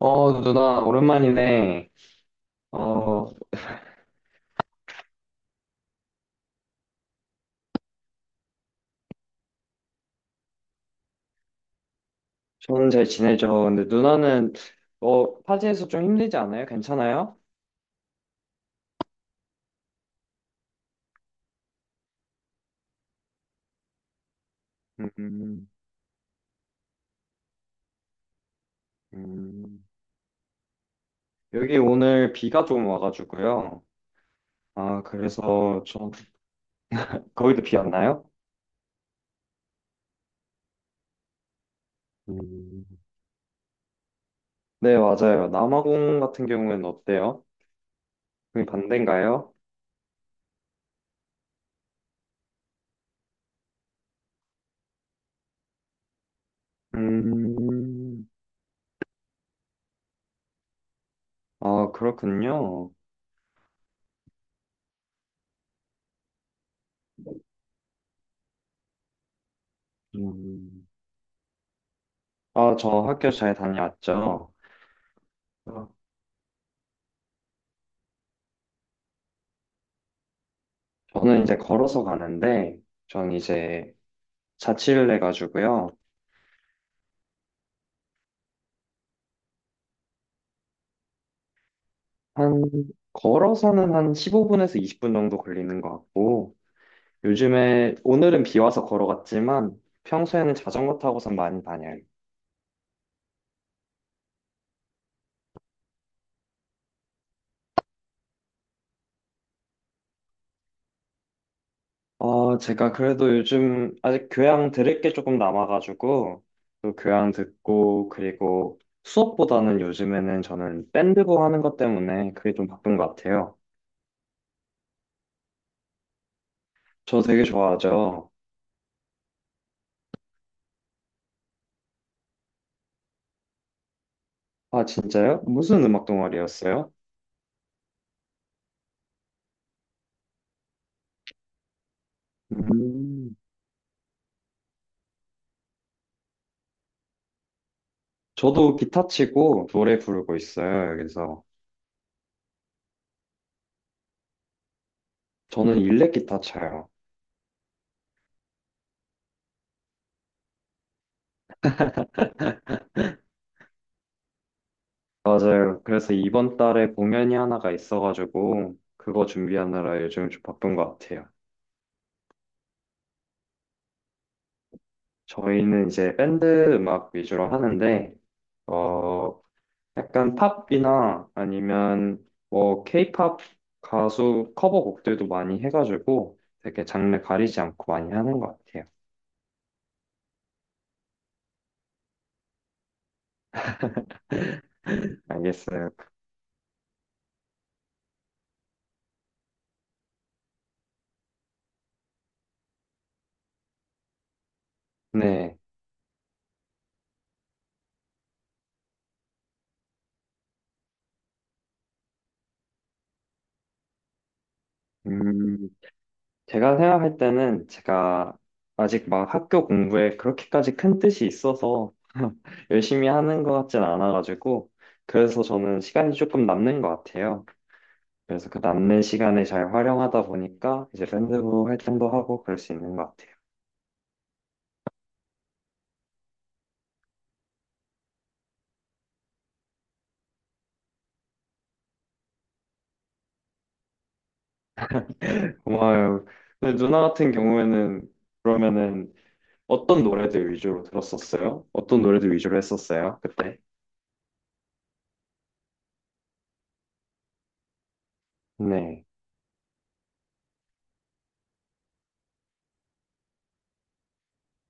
어, 누나, 오랜만이네. 어, 저는 잘 지내죠. 근데 누나는, 파지에서 좀 힘들지 않아요? 괜찮아요? 음, 음. 여기 오늘 비가 좀 와가지고요. 아, 그래서 좀, 거기도 비 왔나요? 음. 네, 맞아요. 남아공 같은 경우에는 어때요? 거기 반대인가요? 음, 아, 그렇군요. 음. 아, 저 학교 잘 다녀왔죠. 어, 저는 이제 걸어서 가는데, 전 이제 자취를 해가지고요. 한, 걸어서는 한 15분에서 20분 정도 걸리는 것 같고, 요즘에, 오늘은 비 와서 걸어갔지만, 평소에는 자전거 타고선 많이 다녀요. 어, 제가 그래도 요즘 아직 교양 들을 게 조금 남아가지고, 또 교양 듣고, 그리고 수업보다는 요즘에는 저는 밴드부 하는 것 때문에 그게 좀 바쁜 것 같아요. 저 되게 좋아하죠. 아, 진짜요? 무슨 음악 동아리였어요? 음, 저도 기타 치고 노래 부르고 있어요, 그래서 저는 일렉 기타 쳐요. 맞아요. 그래서 이번 달에 공연이 하나가 있어가지고, 그거 준비하느라 요즘 좀 바쁜 것 같아요. 저희는 이제 밴드 음악 위주로 하는데, 어, 약간 팝이나 아니면 뭐 케이팝 가수 커버곡들도 많이 해가지고, 되게 장르 가리지 않고 많이 하는 것 같아요. 알겠어요. 네. 음, 제가 생각할 때는 제가 아직 막 학교 공부에 그렇게까지 큰 뜻이 있어서 열심히 하는 것 같진 않아가지고 그래서 저는 시간이 조금 남는 것 같아요. 그래서 그 남는 시간을 잘 활용하다 보니까 이제 밴드부 활동도 하고 그럴 수 있는 것 같아요. 고마워요. 근데 누나 같은 경우에는 그러면은 어떤 노래들 위주로 들었었어요? 어떤 노래들 위주로 했었어요? 그때? 네.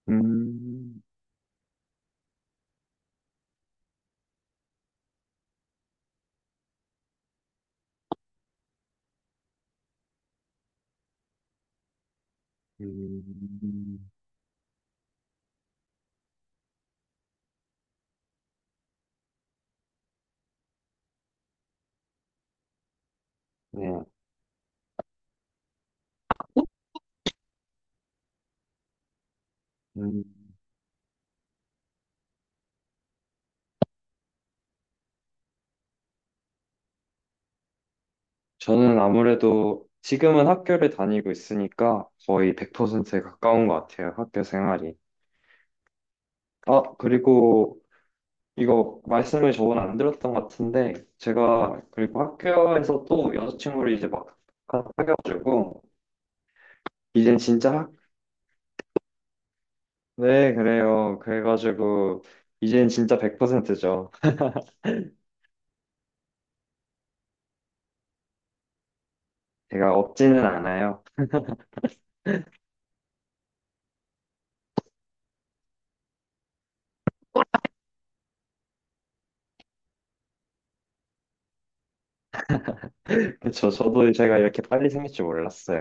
음, 음, 네. 음. 저는 아무래도 지금은 학교를 다니고 있으니까 거의 100%에 가까운 것 같아요, 학교 생활이. 아, 그리고 이거 말씀을 저번에 안 들었던 것 같은데, 제가 그리고 학교에서 또 여자친구를 이제 막 사귀어가지고, 이젠 진짜 학, 네, 그래요. 그래가지고, 이젠 진짜 100%죠. 제가 없지는 않아요. 그죠, 저도 제가 이렇게 빨리 생길 줄 몰랐어요.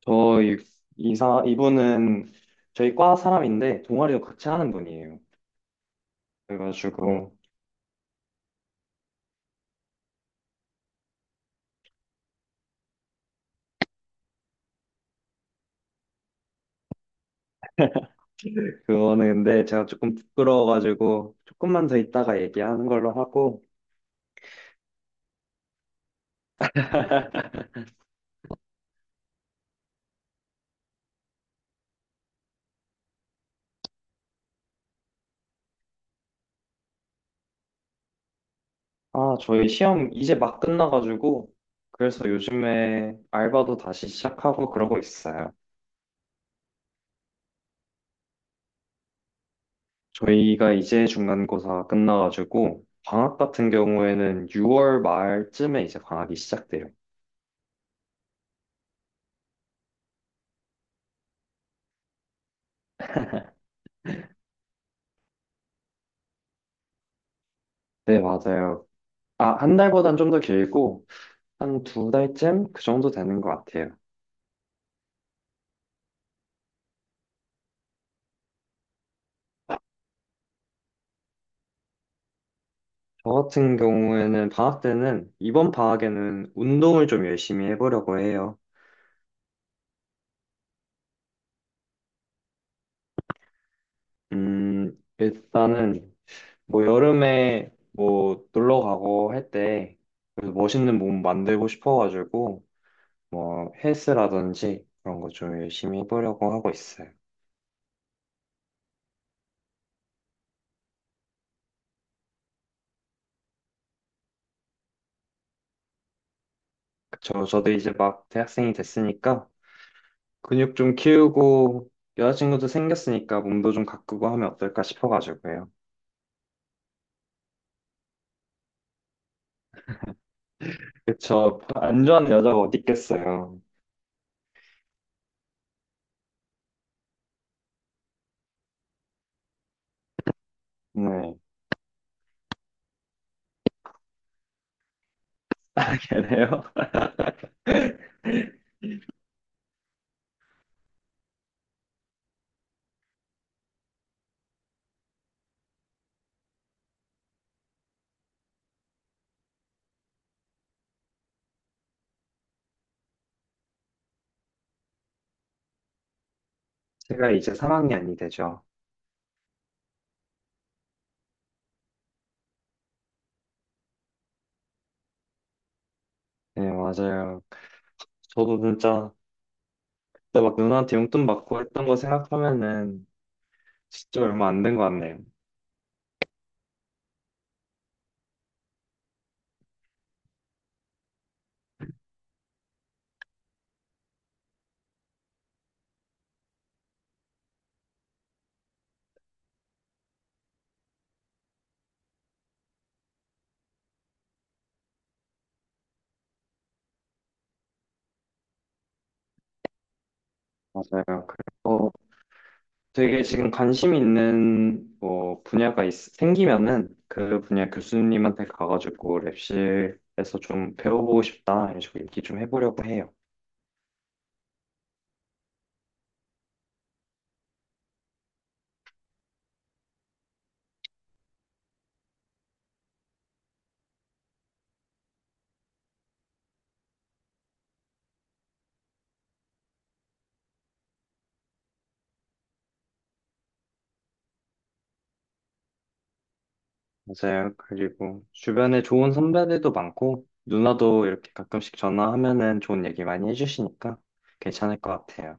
저 이- 이사 이분은 저희 과 사람인데 동아리도 같이 하는 분이에요. 그래가지고 그거는데 제가 조금 부끄러워가지고 조금만 더 있다가 얘기하는 걸로 하고. 아, 저희 시험 이제 막 끝나가지고 그래서 요즘에 알바도 다시 시작하고 그러고 있어요. 저희가 이제 중간고사 끝나가지고 방학 같은 경우에는 6월 말쯤에 이제 방학이 시작돼요. 네, 맞아요. 아, 한 달보단 좀 더 길고. 한 두 달쯤 그 정도 되는 것 같아요. 저 같은 경우에는 방학 때는, 이번 방학에는 운동을 좀 열심히 해보려고 해요. 음, 일단은 뭐 여름에 뭐 놀러 가고 할 때 멋있는 몸 만들고 싶어가지고 뭐 헬스라든지 그런 거 좀 열심히 해보려고 하고 있어요. 저도 이제 막 대학생이 됐으니까 근육 좀 키우고 여자친구도 생겼으니까 몸도 좀 가꾸고 하면 어떨까 싶어가지고요. 그쵸. 안 좋아하는 여자가 어디 있겠어요. 네. 그래요? 제가 이제 3학년이 되죠. 네, 맞아요. 저도 진짜 그때 막 누나한테 용돈 받고 했던 거 생각하면은 진짜 얼마 안 된 것 같네요. 맞아요. 그래서 되게 지금 관심 있는 뭐 분야가 생기면은 그 분야 교수님한테 가가지고 랩실에서 좀 배워보고 싶다 이런 식으로 얘기 좀 해보려고 해요. 맞아요. 그리고 주변에 좋은 선배들도 많고, 누나도 이렇게 가끔씩 전화하면은 좋은 얘기 많이 해주시니까 괜찮을 것 같아요.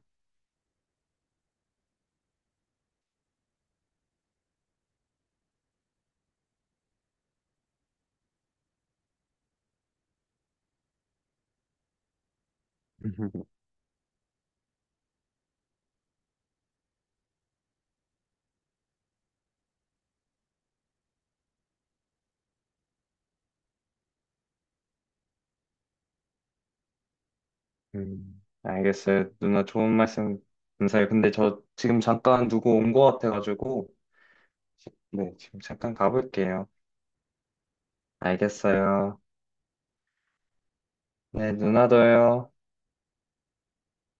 알겠어요. 누나 좋은 말씀 감사해요. 근데 저 지금 잠깐 누구 온 것 같아가지고, 네, 지금 잠깐 가볼게요. 알겠어요. 네, 누나도요.